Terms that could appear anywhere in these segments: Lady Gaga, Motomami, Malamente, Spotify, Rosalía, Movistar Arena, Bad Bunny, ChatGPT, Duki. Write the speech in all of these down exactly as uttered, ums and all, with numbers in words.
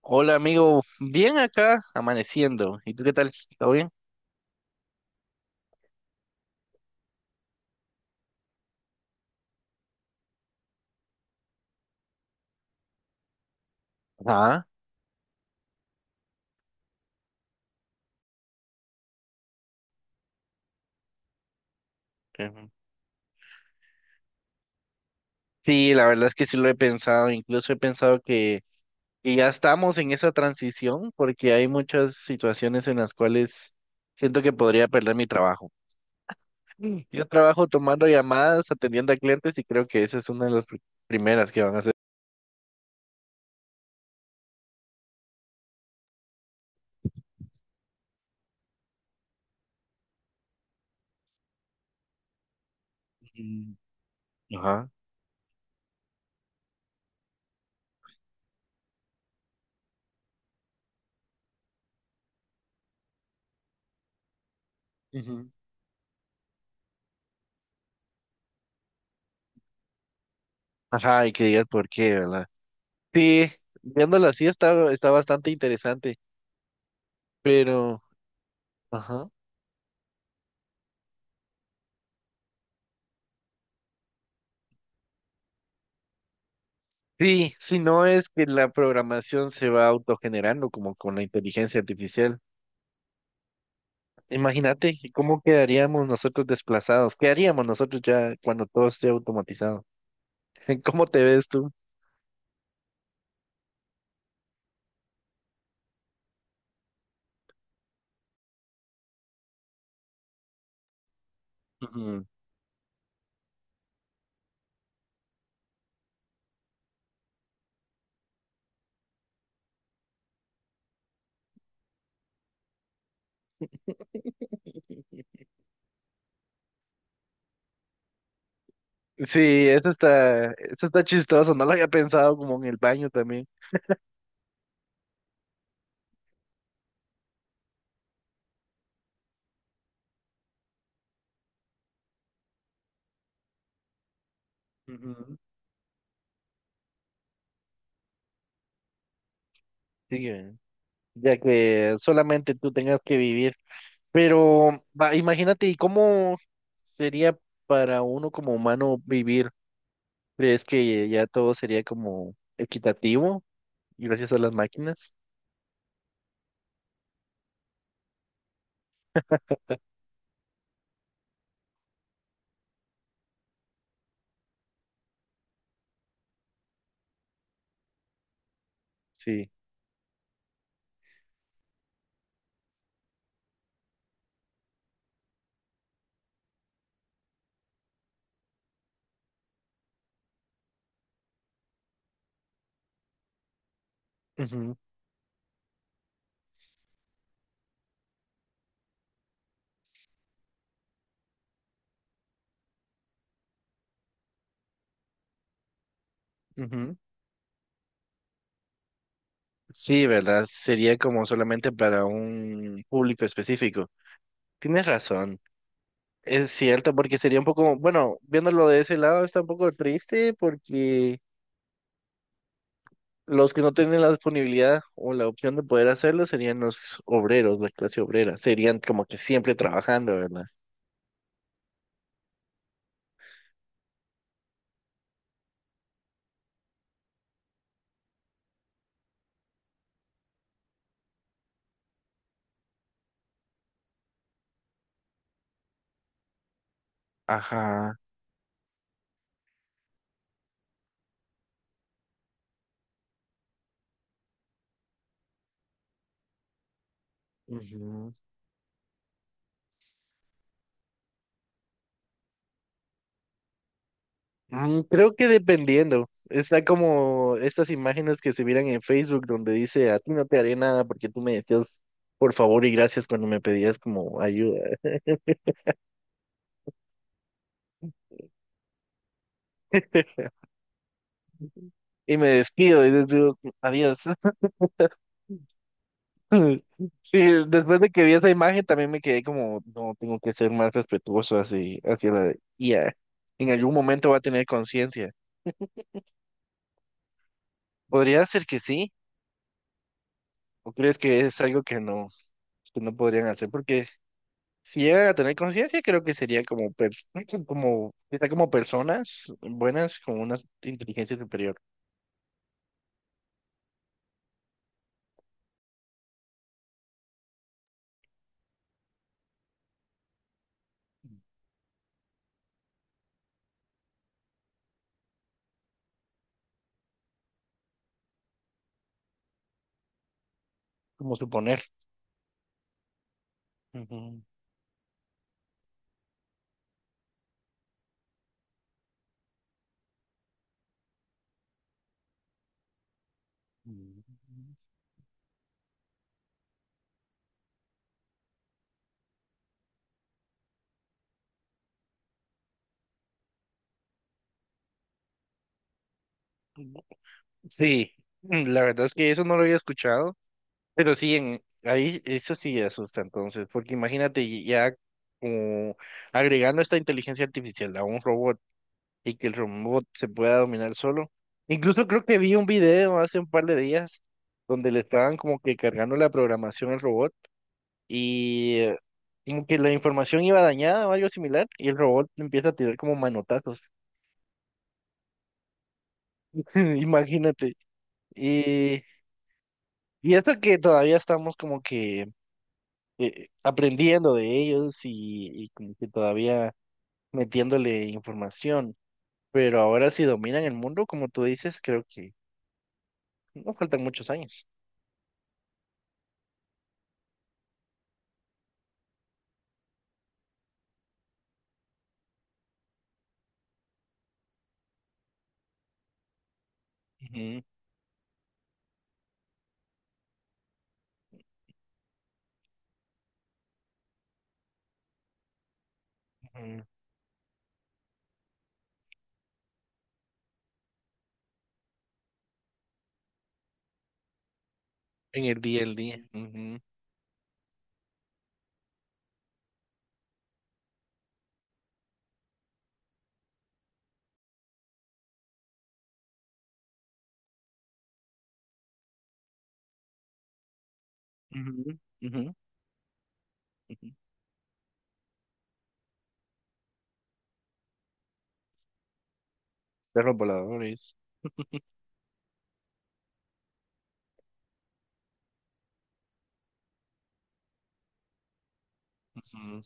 Hola amigo, bien acá, amaneciendo. ¿Y tú qué tal? ¿Todo bien? Ajá. Qué bueno. Sí, la verdad es que sí lo he pensado, incluso he pensado que, que ya estamos en esa transición porque hay muchas situaciones en las cuales siento que podría perder mi trabajo. Mm. Yo trabajo tomando llamadas, atendiendo a clientes y creo que esa es una de las pri- primeras que van a hacer. Mm. Ajá. Ujú. Ajá, y que digas por qué, ¿verdad? Sí, viéndolo así está, está bastante interesante, pero... Ajá. Sí, si no es que la programación se va autogenerando como con la inteligencia artificial. Imagínate que cómo quedaríamos nosotros desplazados, qué haríamos nosotros ya cuando todo esté automatizado. ¿Cómo te ves tú? Ujú. Sí, eso está, eso está chistoso, no lo había pensado como en el baño también. Ujú. Sí, eh, ya que solamente tú tengas que vivir. Pero va, imagínate, ¿y cómo sería para uno como humano vivir? ¿Crees que ya todo sería como equitativo y gracias a las máquinas? Sí. Ujú, ujú. Sí, ¿verdad? Sería como solamente para un público específico. Tienes razón. Es cierto, porque sería un poco, bueno, viéndolo de ese lado está un poco triste porque los que no tienen la disponibilidad o la opción de poder hacerlo serían los obreros, la clase obrera. Serían como que siempre trabajando, ¿verdad? Ajá. Ujú. Mm, creo que dependiendo. Está como estas imágenes que se miran en Facebook donde dice, a ti no te haré nada porque tú me decías por favor y gracias cuando me pedías como ayuda. Y me despido y les digo, adiós. Sí, después de que vi esa imagen también me quedé como, no, tengo que ser más respetuoso así, hacia la I a. En algún momento va a tener conciencia. Podría ser que sí, o crees que es algo que no, que no podrían hacer porque si llegan a tener conciencia, creo que sería como, pers- como, está como personas buenas con una inteligencia superior, como suponer. Ujú. Sí, mm, la verdad es que eso no lo había escuchado, pero sí, en, ahí eso sí asusta entonces, porque imagínate ya como agregando esta inteligencia artificial a un robot y que el robot se pueda dominar solo. Incluso creo que vi un video hace un par de días donde le estaban como que cargando la programación al robot y eh, como que la información iba dañada o algo similar y el robot le empieza a tirar como manotazos. Imagínate. Y, y esto que todavía estamos como que eh, aprendiendo de ellos y, y como que todavía metiéndole información. Pero ahora si dominan el mundo, como tú dices, creo que no faltan muchos años. Ujú, ujú. En el día al día. Ujú, ujú, ujú, ujú. Perros voladores. Ujú.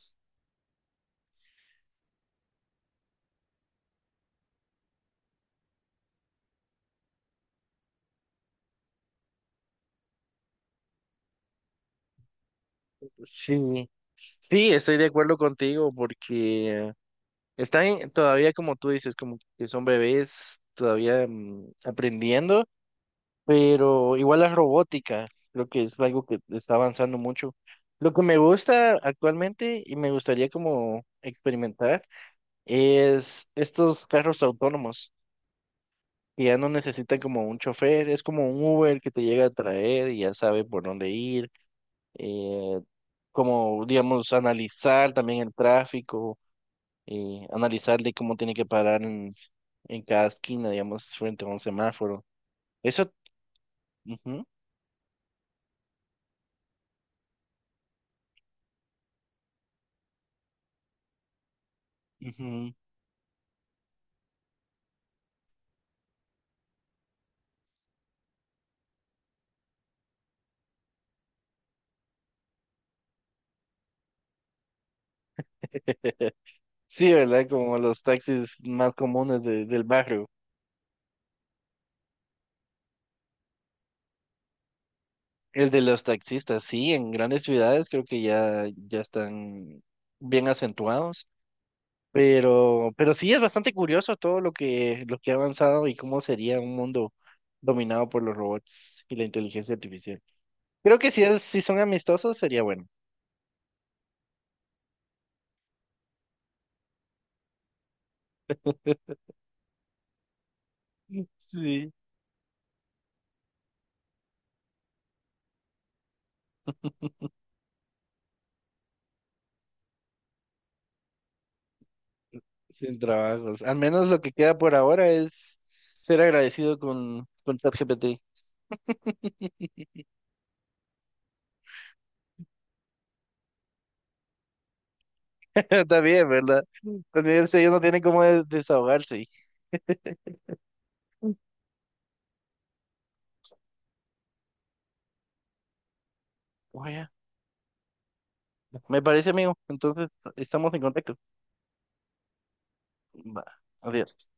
Sí, sí, estoy de acuerdo contigo porque están en- todavía, como tú dices, como que son bebés todavía, mm, aprendiendo, pero igual la robótica, creo que es algo que está avanzando mucho. Lo que me gusta actualmente y me gustaría como experimentar es estos carros autónomos que ya no necesitan como un chofer, es como un Uber que te llega a traer y ya sabe por dónde ir, eh, como digamos analizar también el tráfico, eh, analizarle cómo tiene que parar en, en cada esquina, digamos, frente a un semáforo. Eso, ujú, ujú. Sí, ¿verdad? Como los taxis más comunes de- del barrio. El de los taxistas, sí, en grandes ciudades creo que ya, ya están bien acentuados, pero, pero sí es bastante curioso todo lo que, lo que ha avanzado y cómo sería un mundo dominado por los robots y la inteligencia artificial. Creo que si es, si son amistosos sería bueno. Sí. Sin trabajos. Al menos lo que queda por ahora es ser agradecido con, con ChatGPT. Está bien, ¿verdad? También ellos ellos no tienen cómo des- desahogarse. Oye, me parece, amigo. Entonces, estamos en contacto. Va, adiós.